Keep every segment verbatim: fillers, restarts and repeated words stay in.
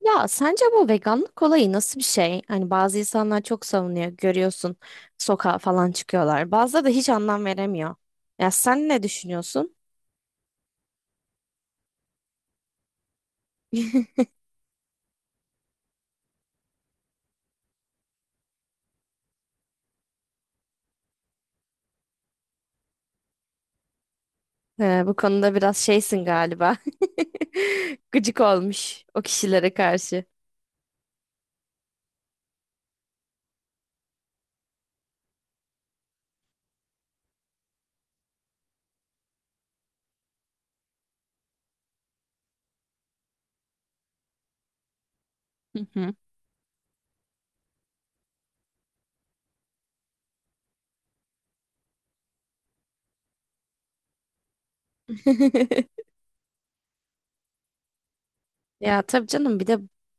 Ya sence bu veganlık olayı nasıl bir şey? Hani bazı insanlar çok savunuyor, görüyorsun, sokağa falan çıkıyorlar. Bazıları da hiç anlam veremiyor. Ya sen ne düşünüyorsun? Ee, bu konuda biraz şeysin galiba. Gıcık olmuş o kişilere karşı. Hı hı. Ya tabii canım, bir de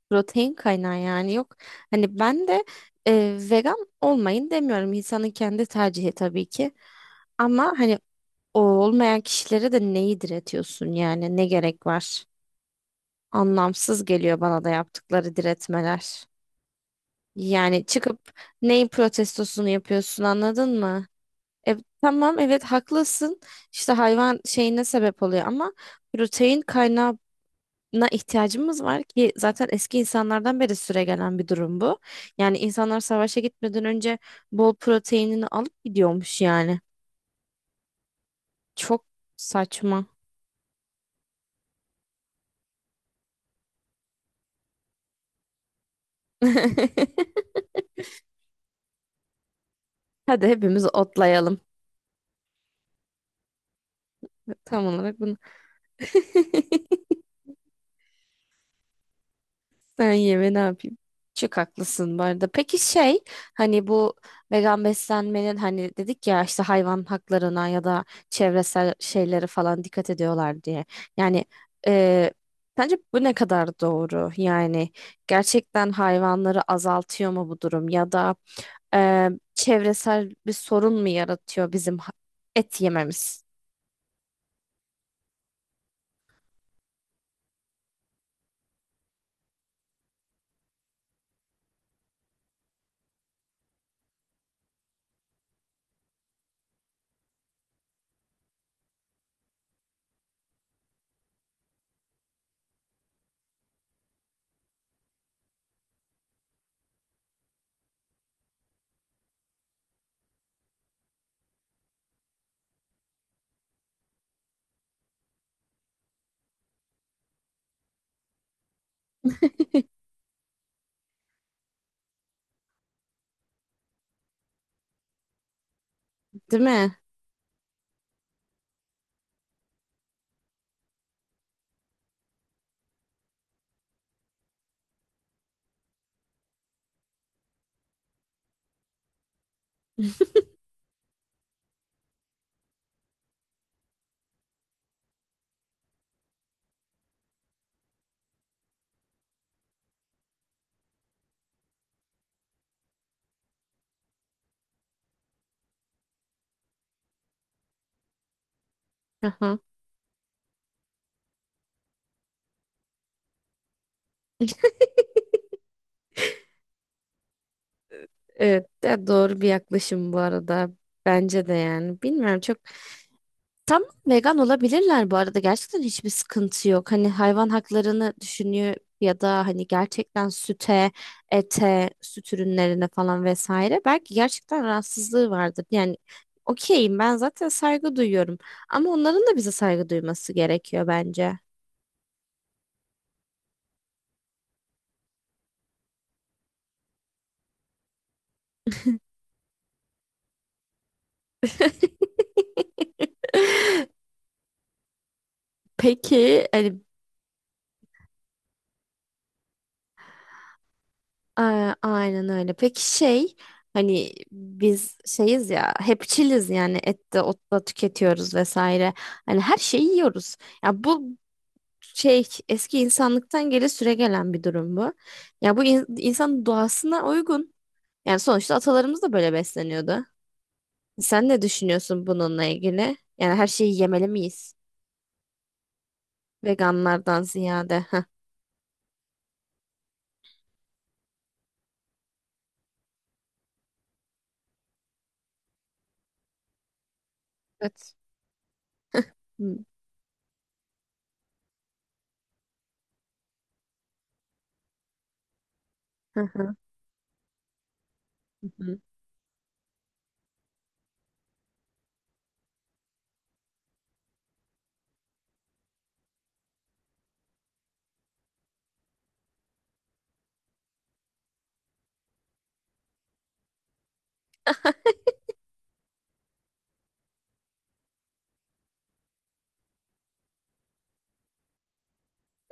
protein kaynağı yani yok. Hani ben de e, vegan olmayın demiyorum. İnsanın kendi tercihi tabii ki. Ama hani o olmayan kişilere de neyi diretiyorsun yani, ne gerek var? Anlamsız geliyor bana da yaptıkları diretmeler. Yani çıkıp neyin protestosunu yapıyorsun, anladın mı? E, tamam, evet, haklısın. İşte hayvan şeyine sebep oluyor, ama protein kaynağına ihtiyacımız var ki zaten eski insanlardan beri süregelen bir durum bu. Yani insanlar savaşa gitmeden önce bol proteinini alıp gidiyormuş yani. Çok saçma. Hadi hepimiz otlayalım. Tam olarak bunu. Sen yeme, ne yapayım? Çok haklısın bu arada. Peki şey, hani bu vegan beslenmenin, hani dedik ya, işte hayvan haklarına ya da çevresel şeylere falan dikkat ediyorlar diye. Yani e, sence bu ne kadar doğru? Yani gerçekten hayvanları azaltıyor mu bu durum, ya da e, çevresel bir sorun mu yaratıyor bizim ha- et yememiz? Değil mi? Aha. Evet, de doğru bir yaklaşım bu arada. Bence de yani. Bilmiyorum çok. Tam vegan olabilirler bu arada. Gerçekten hiçbir sıkıntı yok. Hani hayvan haklarını düşünüyor ya da hani gerçekten süte, ete, süt ürünlerine falan vesaire. Belki gerçekten rahatsızlığı vardır. Yani okeyim ben, zaten saygı duyuyorum. Ama onların da bize saygı duyması gerekiyor bence. Peki hani, a- aynen öyle. Peki şey, hani biz şeyiz ya, hepçiliz, yani et de ot da tüketiyoruz vesaire. Hani her şeyi yiyoruz. Ya bu şey, eski insanlıktan geri süregelen bir durum bu. Ya bu in- insanın doğasına uygun. Yani sonuçta atalarımız da böyle besleniyordu. Sen ne düşünüyorsun bununla ilgili? Yani her şeyi yemeli miyiz? Veganlardan ziyade. Heh. Evet. Hı hı. Hı.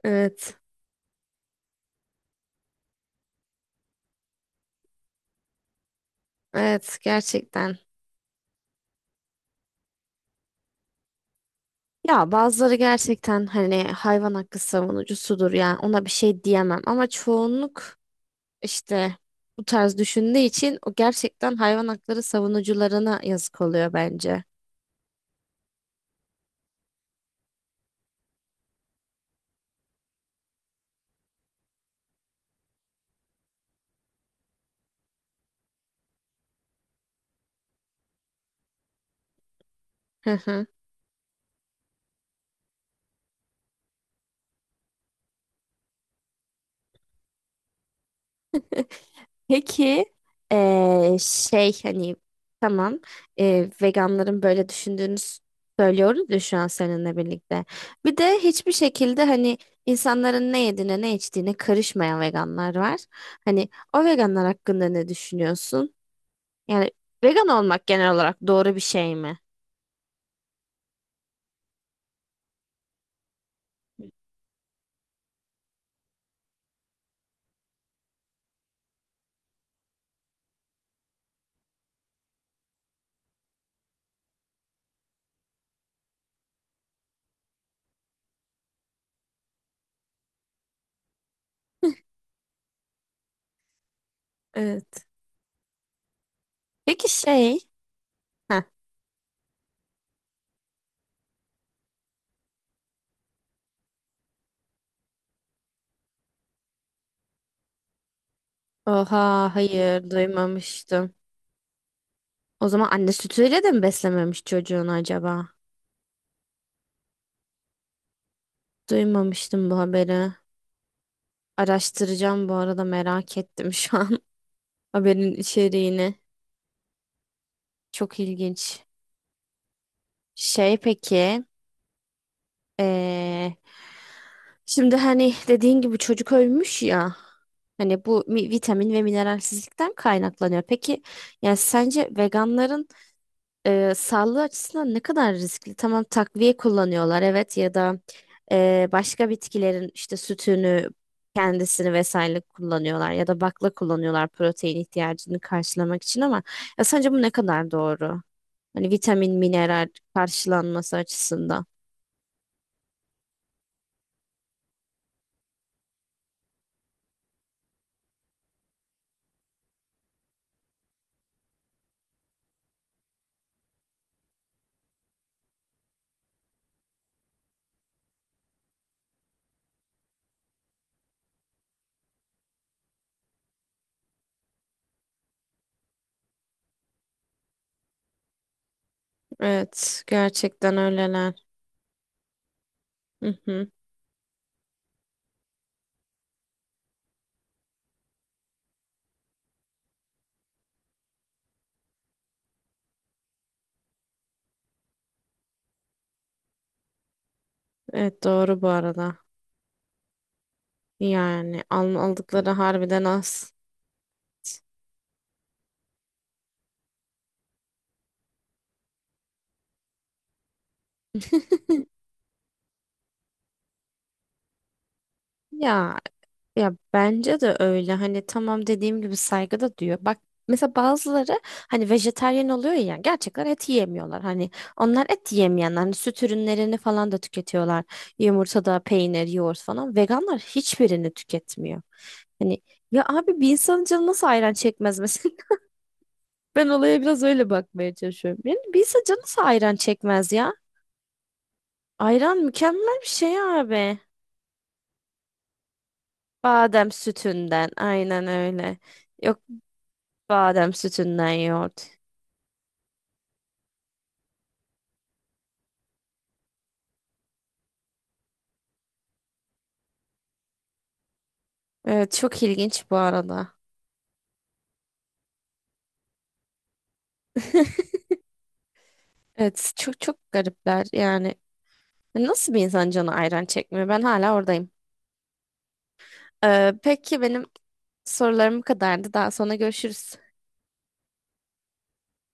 Evet, evet, gerçekten. Ya bazıları gerçekten hani hayvan hakkı savunucusudur, yani ona bir şey diyemem, ama çoğunluk işte bu tarz düşündüğü için o gerçekten hayvan hakları savunucularına yazık oluyor bence. Peki eee, şey, hani tamam, eee, veganların böyle düşündüğünü s- söylüyoruz ya şu an seninle birlikte. Bir de hiçbir şekilde hani insanların ne yediğine ne içtiğine karışmayan veganlar var. Hani o veganlar hakkında ne düşünüyorsun? Yani vegan olmak genel olarak doğru bir şey mi? Evet. Peki şey. Heh. Oha, hayır, duymamıştım. O zaman anne sütüyle de mi beslememiş çocuğunu acaba? Duymamıştım bu haberi. Araştıracağım bu arada, merak ettim şu an haberin içeriğini. Çok ilginç. Şey, peki, eee, şimdi hani dediğin gibi çocuk ölmüş ya. Hani bu mi- vitamin ve mineralsizlikten kaynaklanıyor. Peki, yani sence veganların e, sağlığı açısından ne kadar riskli? Tamam, takviye kullanıyorlar, evet, ya da e, başka bitkilerin işte sütünü, kendisini vesaire kullanıyorlar, ya da bakla kullanıyorlar protein ihtiyacını karşılamak için, ama ya sence bu ne kadar doğru? Hani vitamin, mineral karşılanması açısından. Evet, gerçekten öyleler. Hı hı. Evet, doğru bu arada. Yani al- aldıkları harbiden az. Ya Ya bence de öyle. Hani tamam, dediğim gibi saygı da diyor. Bak, mesela bazıları hani vejetaryen oluyor ya, gerçekten et yiyemiyorlar. Hani onlar et yiyemeyenler. Hani süt ürünlerini falan da tüketiyorlar. Yumurtada peynir, yoğurt falan. Veganlar hiçbirini tüketmiyor. Hani ya abi, bir insanın canı nasıl ayran çekmez mesela? Ben olaya biraz öyle bakmaya çalışıyorum. Yani bir insan canı nasıl ayran çekmez ya? Ayran mükemmel bir şey abi. Badem sütünden, aynen öyle. Yok. Badem sütünden yoğurt. Evet, çok ilginç bu arada. Evet, çok çok garipler yani. Nasıl bir insan canı ayran çekmiyor? Ben hala oradayım. Ee, peki benim sorularım bu kadardı. Daha sonra görüşürüz.